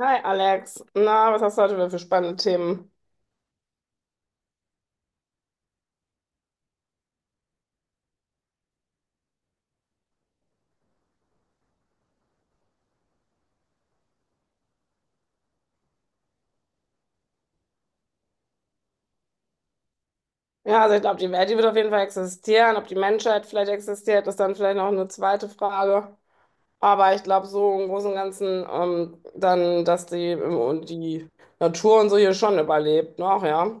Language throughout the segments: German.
Hi Alex, na, was hast du heute wieder für spannende Themen? Ja, also ich glaube, die Welt, die wird auf jeden Fall existieren. Ob die Menschheit vielleicht existiert, ist dann vielleicht noch eine zweite Frage. Aber ich glaube, so im Großen und Ganzen, dann, dass die, und die Natur und so hier schon überlebt noch, ja.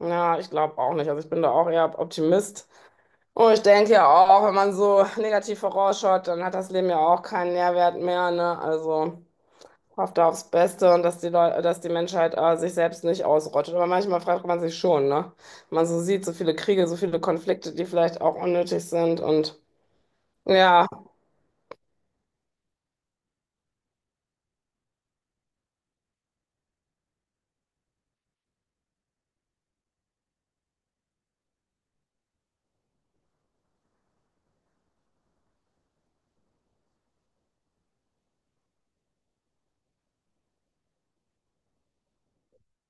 Ja, ich glaube auch nicht. Also ich bin da auch eher Optimist. Und ich denke ja auch, wenn man so negativ vorausschaut, dann hat das Leben ja auch keinen Nährwert mehr, ne? Also hofft da aufs Beste und dass die Leute, dass die Menschheit sich selbst nicht ausrottet. Aber manchmal fragt man sich schon, ne? Wenn man so sieht, so viele Kriege, so viele Konflikte, die vielleicht auch unnötig sind und ja.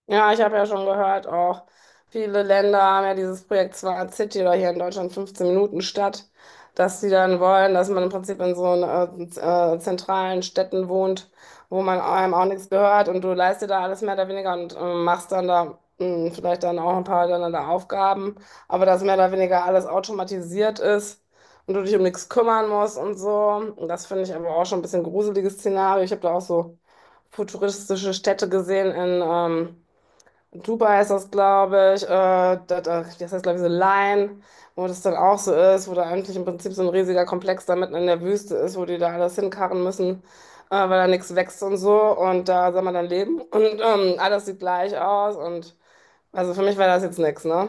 Ja, ich habe ja schon gehört, auch viele Länder haben ja dieses Projekt Smart City oder hier in Deutschland 15 Minuten Stadt, dass sie dann wollen, dass man im Prinzip in so einen, zentralen Städten wohnt, wo man einem auch nichts gehört und du leist dir da alles mehr oder weniger und machst dann da vielleicht dann auch ein paar dann da Aufgaben, aber dass mehr oder weniger alles automatisiert ist. Und du dich um nichts kümmern musst und so. Und das finde ich aber auch schon ein bisschen gruseliges Szenario. Ich habe da auch so futuristische Städte gesehen in, Dubai ist das, glaube ich, das heißt, glaube ich, so Line, wo das dann auch so ist, wo da eigentlich im Prinzip so ein riesiger Komplex da mitten in der Wüste ist, wo die da alles hinkarren müssen, weil da nichts wächst und so und da soll man dann leben und alles sieht gleich aus und also für mich war das jetzt nichts, ne?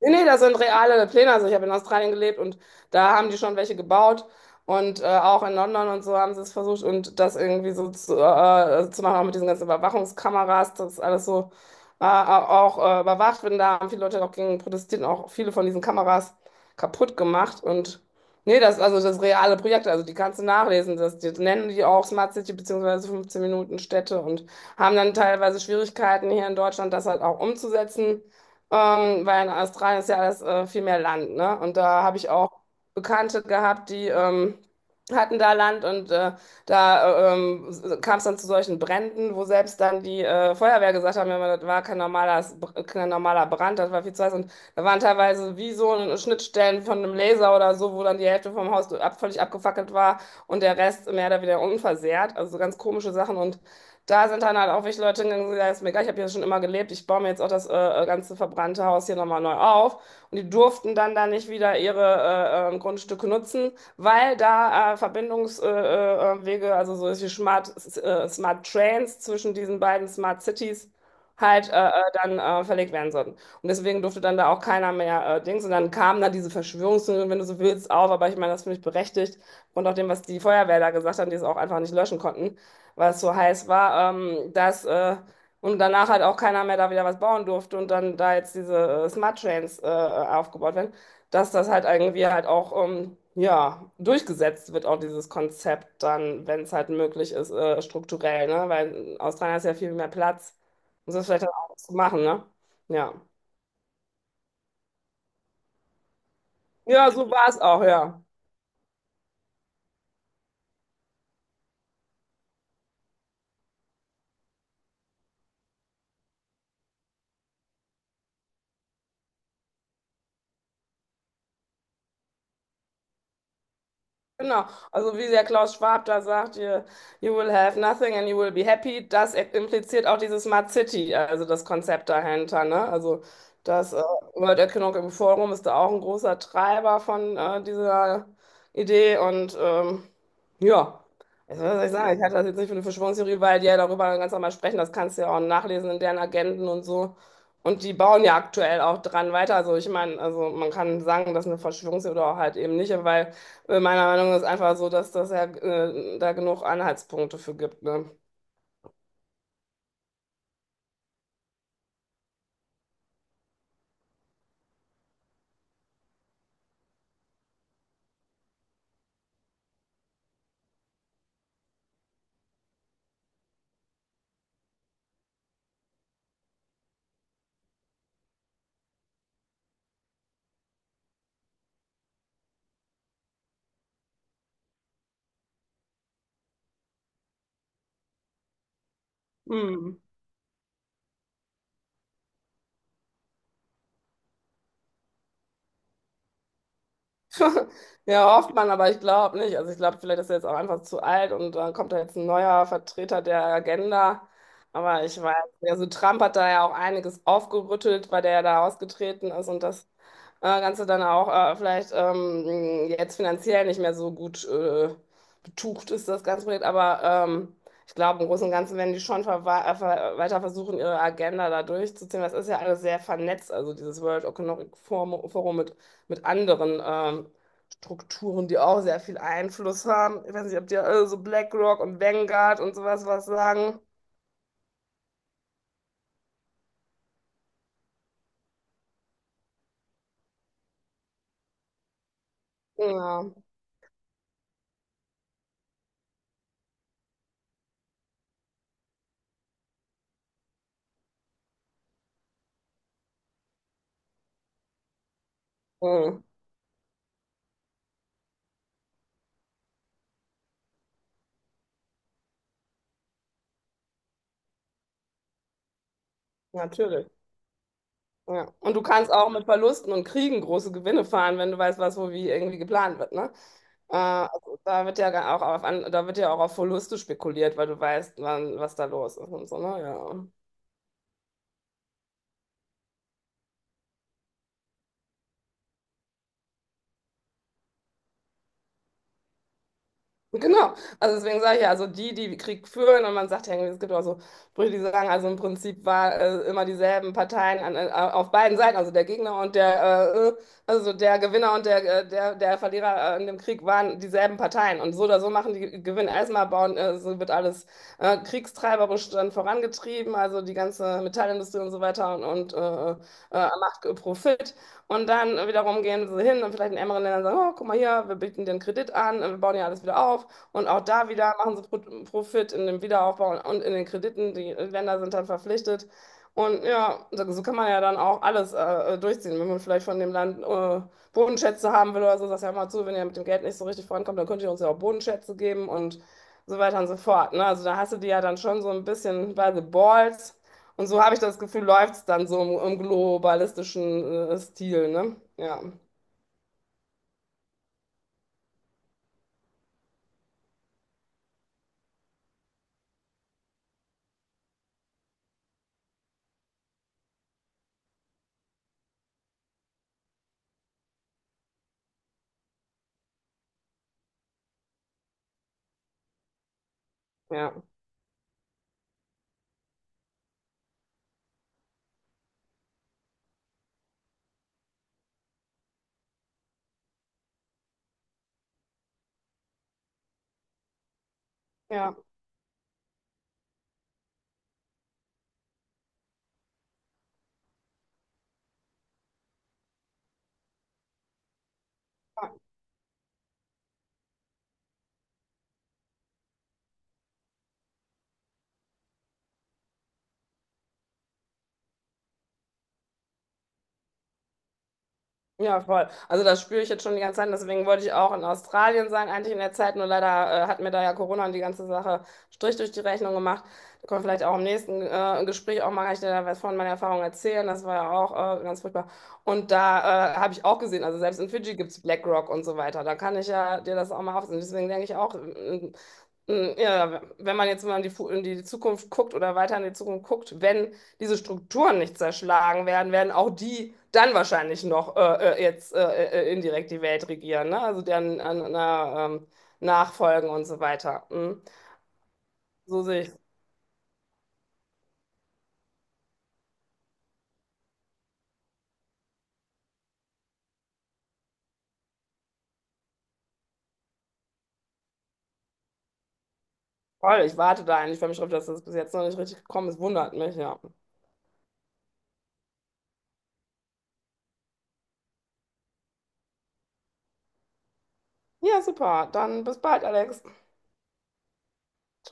Nee, nee, das sind reale Pläne. Also ich habe in Australien gelebt und da haben die schon welche gebaut. Und auch in London und so haben sie es versucht und das irgendwie so zu machen, auch mit diesen ganzen Überwachungskameras, das alles so auch überwacht wird. Und da haben viele Leute auch gegen protestiert und auch viele von diesen Kameras kaputt gemacht. Und nee, das, also das reale Projekt, also die kannst du nachlesen. Das, die nennen die auch Smart City beziehungsweise 15 Minuten Städte und haben dann teilweise Schwierigkeiten hier in Deutschland, das halt auch umzusetzen. Weil in Australien ist ja alles viel mehr Land, ne? Und da habe ich auch Bekannte gehabt, die hatten da Land und da kam es dann zu solchen Bränden, wo selbst dann die Feuerwehr gesagt haben, ja, das war kein normaler, kein normaler Brand, das war viel zu heiß. Und da waren teilweise wie so Schnittstellen von einem Laser oder so, wo dann die Hälfte vom Haus ab, völlig abgefackelt war und der Rest mehr oder weniger unversehrt. Also so ganz komische Sachen. Und da sind dann halt auch wirklich Leute hingegangen, die gesagt haben, ist mir egal, ich habe hier schon immer gelebt, ich baue mir jetzt auch das ganze verbrannte Haus hier nochmal neu auf. Und die durften dann da nicht wieder ihre Grundstücke nutzen, weil da Verbindungswege, Wege, also so ist wie Smart, Smart Trains zwischen diesen beiden Smart Cities halt dann verlegt werden sollten. Und deswegen durfte dann da auch keiner mehr Dings. Und dann kamen da diese Verschwörungstheorien, wenn du so willst, auf. Aber ich meine, das finde ich berechtigt. Und auch dem, was die Feuerwehr da gesagt haben, die es auch einfach nicht löschen konnten, weil es so heiß war, dass und danach halt auch keiner mehr da wieder was bauen durfte und dann da jetzt diese Smart Trains aufgebaut werden, dass das halt irgendwie halt auch ja durchgesetzt wird, auch dieses Konzept dann, wenn es halt möglich ist, strukturell, ne? Weil in Australien ist ja viel mehr Platz, um das vielleicht dann auch zu machen, ne? Ja. Ja, so war es auch, ja. Genau, also wie der Klaus Schwab da sagt, you, you will have nothing and you will be happy, das impliziert auch diese Smart City, also das Konzept dahinter, ne? Also das World Economic Forum ist da auch ein großer Treiber von dieser Idee und ja, also, was soll ich sagen, ich halte das jetzt nicht für eine Verschwörungstheorie, weil die ja darüber ganz normal sprechen, das kannst du ja auch nachlesen in deren Agenden und so. Und die bauen ja aktuell auch dran weiter. Also ich meine, also man kann sagen, das ist eine Verschwörungstheorie oder auch halt eben nicht, weil meiner Meinung nach ist einfach so, dass das ja da genug Anhaltspunkte für gibt, ne? Hm. Ja, hofft man, aber ich glaube nicht. Also ich glaube, vielleicht ist er jetzt auch einfach zu alt und dann kommt da jetzt ein neuer Vertreter der Agenda. Aber ich weiß nicht. Also Trump hat da ja auch einiges aufgerüttelt, weil der ja da ausgetreten ist und das Ganze dann auch vielleicht jetzt finanziell nicht mehr so gut betucht ist, das ganze Projekt. Aber ich glaube, im Großen und Ganzen werden die schon ver weiter versuchen, ihre Agenda da durchzuziehen. Das ist ja alles sehr vernetzt, also dieses World Economic Forum mit anderen Strukturen, die auch sehr viel Einfluss haben. Ich weiß nicht, ob dir alle so BlackRock und Vanguard und sowas was sagen. Ja, mhm. Natürlich. Ja. Und du kannst auch mit Verlusten und Kriegen große Gewinne fahren, wenn du weißt, was wo wie irgendwie geplant wird, ne? Also da wird ja gar auch da wird ja auch auf Verluste spekuliert, weil du weißt, wann, was da los ist und so, ne? Ja. Genau, also deswegen sage ich ja, also die, die Krieg führen, und man sagt ja irgendwie, es gibt auch so Sprüche, die sagen, also im Prinzip war immer dieselben Parteien auf beiden Seiten, also der Gegner und der, äh, äh, also der Gewinner und der Verlierer in dem Krieg waren dieselben Parteien. Und so oder so machen die Gewinn erstmal bauen, so wird alles kriegstreiberisch dann vorangetrieben, also die ganze Metallindustrie und so weiter und macht Profit. Und dann wiederum gehen sie hin und vielleicht in ärmeren Ländern sagen, oh, guck mal hier, wir bieten den Kredit an, wir bauen ja alles wieder auf. Und auch da wieder machen sie Profit in dem Wiederaufbau und in den Krediten. Die Länder sind dann verpflichtet. Und ja, so kann man ja dann auch alles durchziehen. Wenn man vielleicht von dem Land Bodenschätze haben will oder so, sagst du ja mal zu, wenn ihr mit dem Geld nicht so richtig vorankommt, dann könnt ihr uns ja auch Bodenschätze geben und so weiter und so fort. Ne? Also da hast du die ja dann schon so ein bisschen by the balls. Und so habe ich das Gefühl, läuft es dann so im globalistischen Stil. Ne? Ja, ja, ja. Ja, voll. Also das spüre ich jetzt schon die ganze Zeit. Deswegen wollte ich auch in Australien sein, eigentlich in der Zeit. Nur leider hat mir da ja Corona und die ganze Sache Strich durch die Rechnung gemacht. Da können wir vielleicht auch im nächsten Gespräch auch mal kann ich dir da was von meiner Erfahrung erzählen. Das war ja auch ganz furchtbar. Und da habe ich auch gesehen, also selbst in Fidschi gibt es BlackRock und so weiter. Da kann ich ja dir das auch mal aufsehen. Deswegen denke ich auch, ja, wenn man jetzt mal in in die Zukunft guckt oder weiter in die Zukunft guckt, wenn diese Strukturen nicht zerschlagen werden, werden auch die dann wahrscheinlich noch jetzt indirekt die Welt regieren, ne? Also deren Nachfolgen und so weiter. Mhm. So sehe ich. Voll. Ich warte da eigentlich für mich drauf, dass das bis jetzt noch nicht richtig gekommen ist. Wundert mich, ja. Ja, super. Dann bis bald, Alex. Ciao.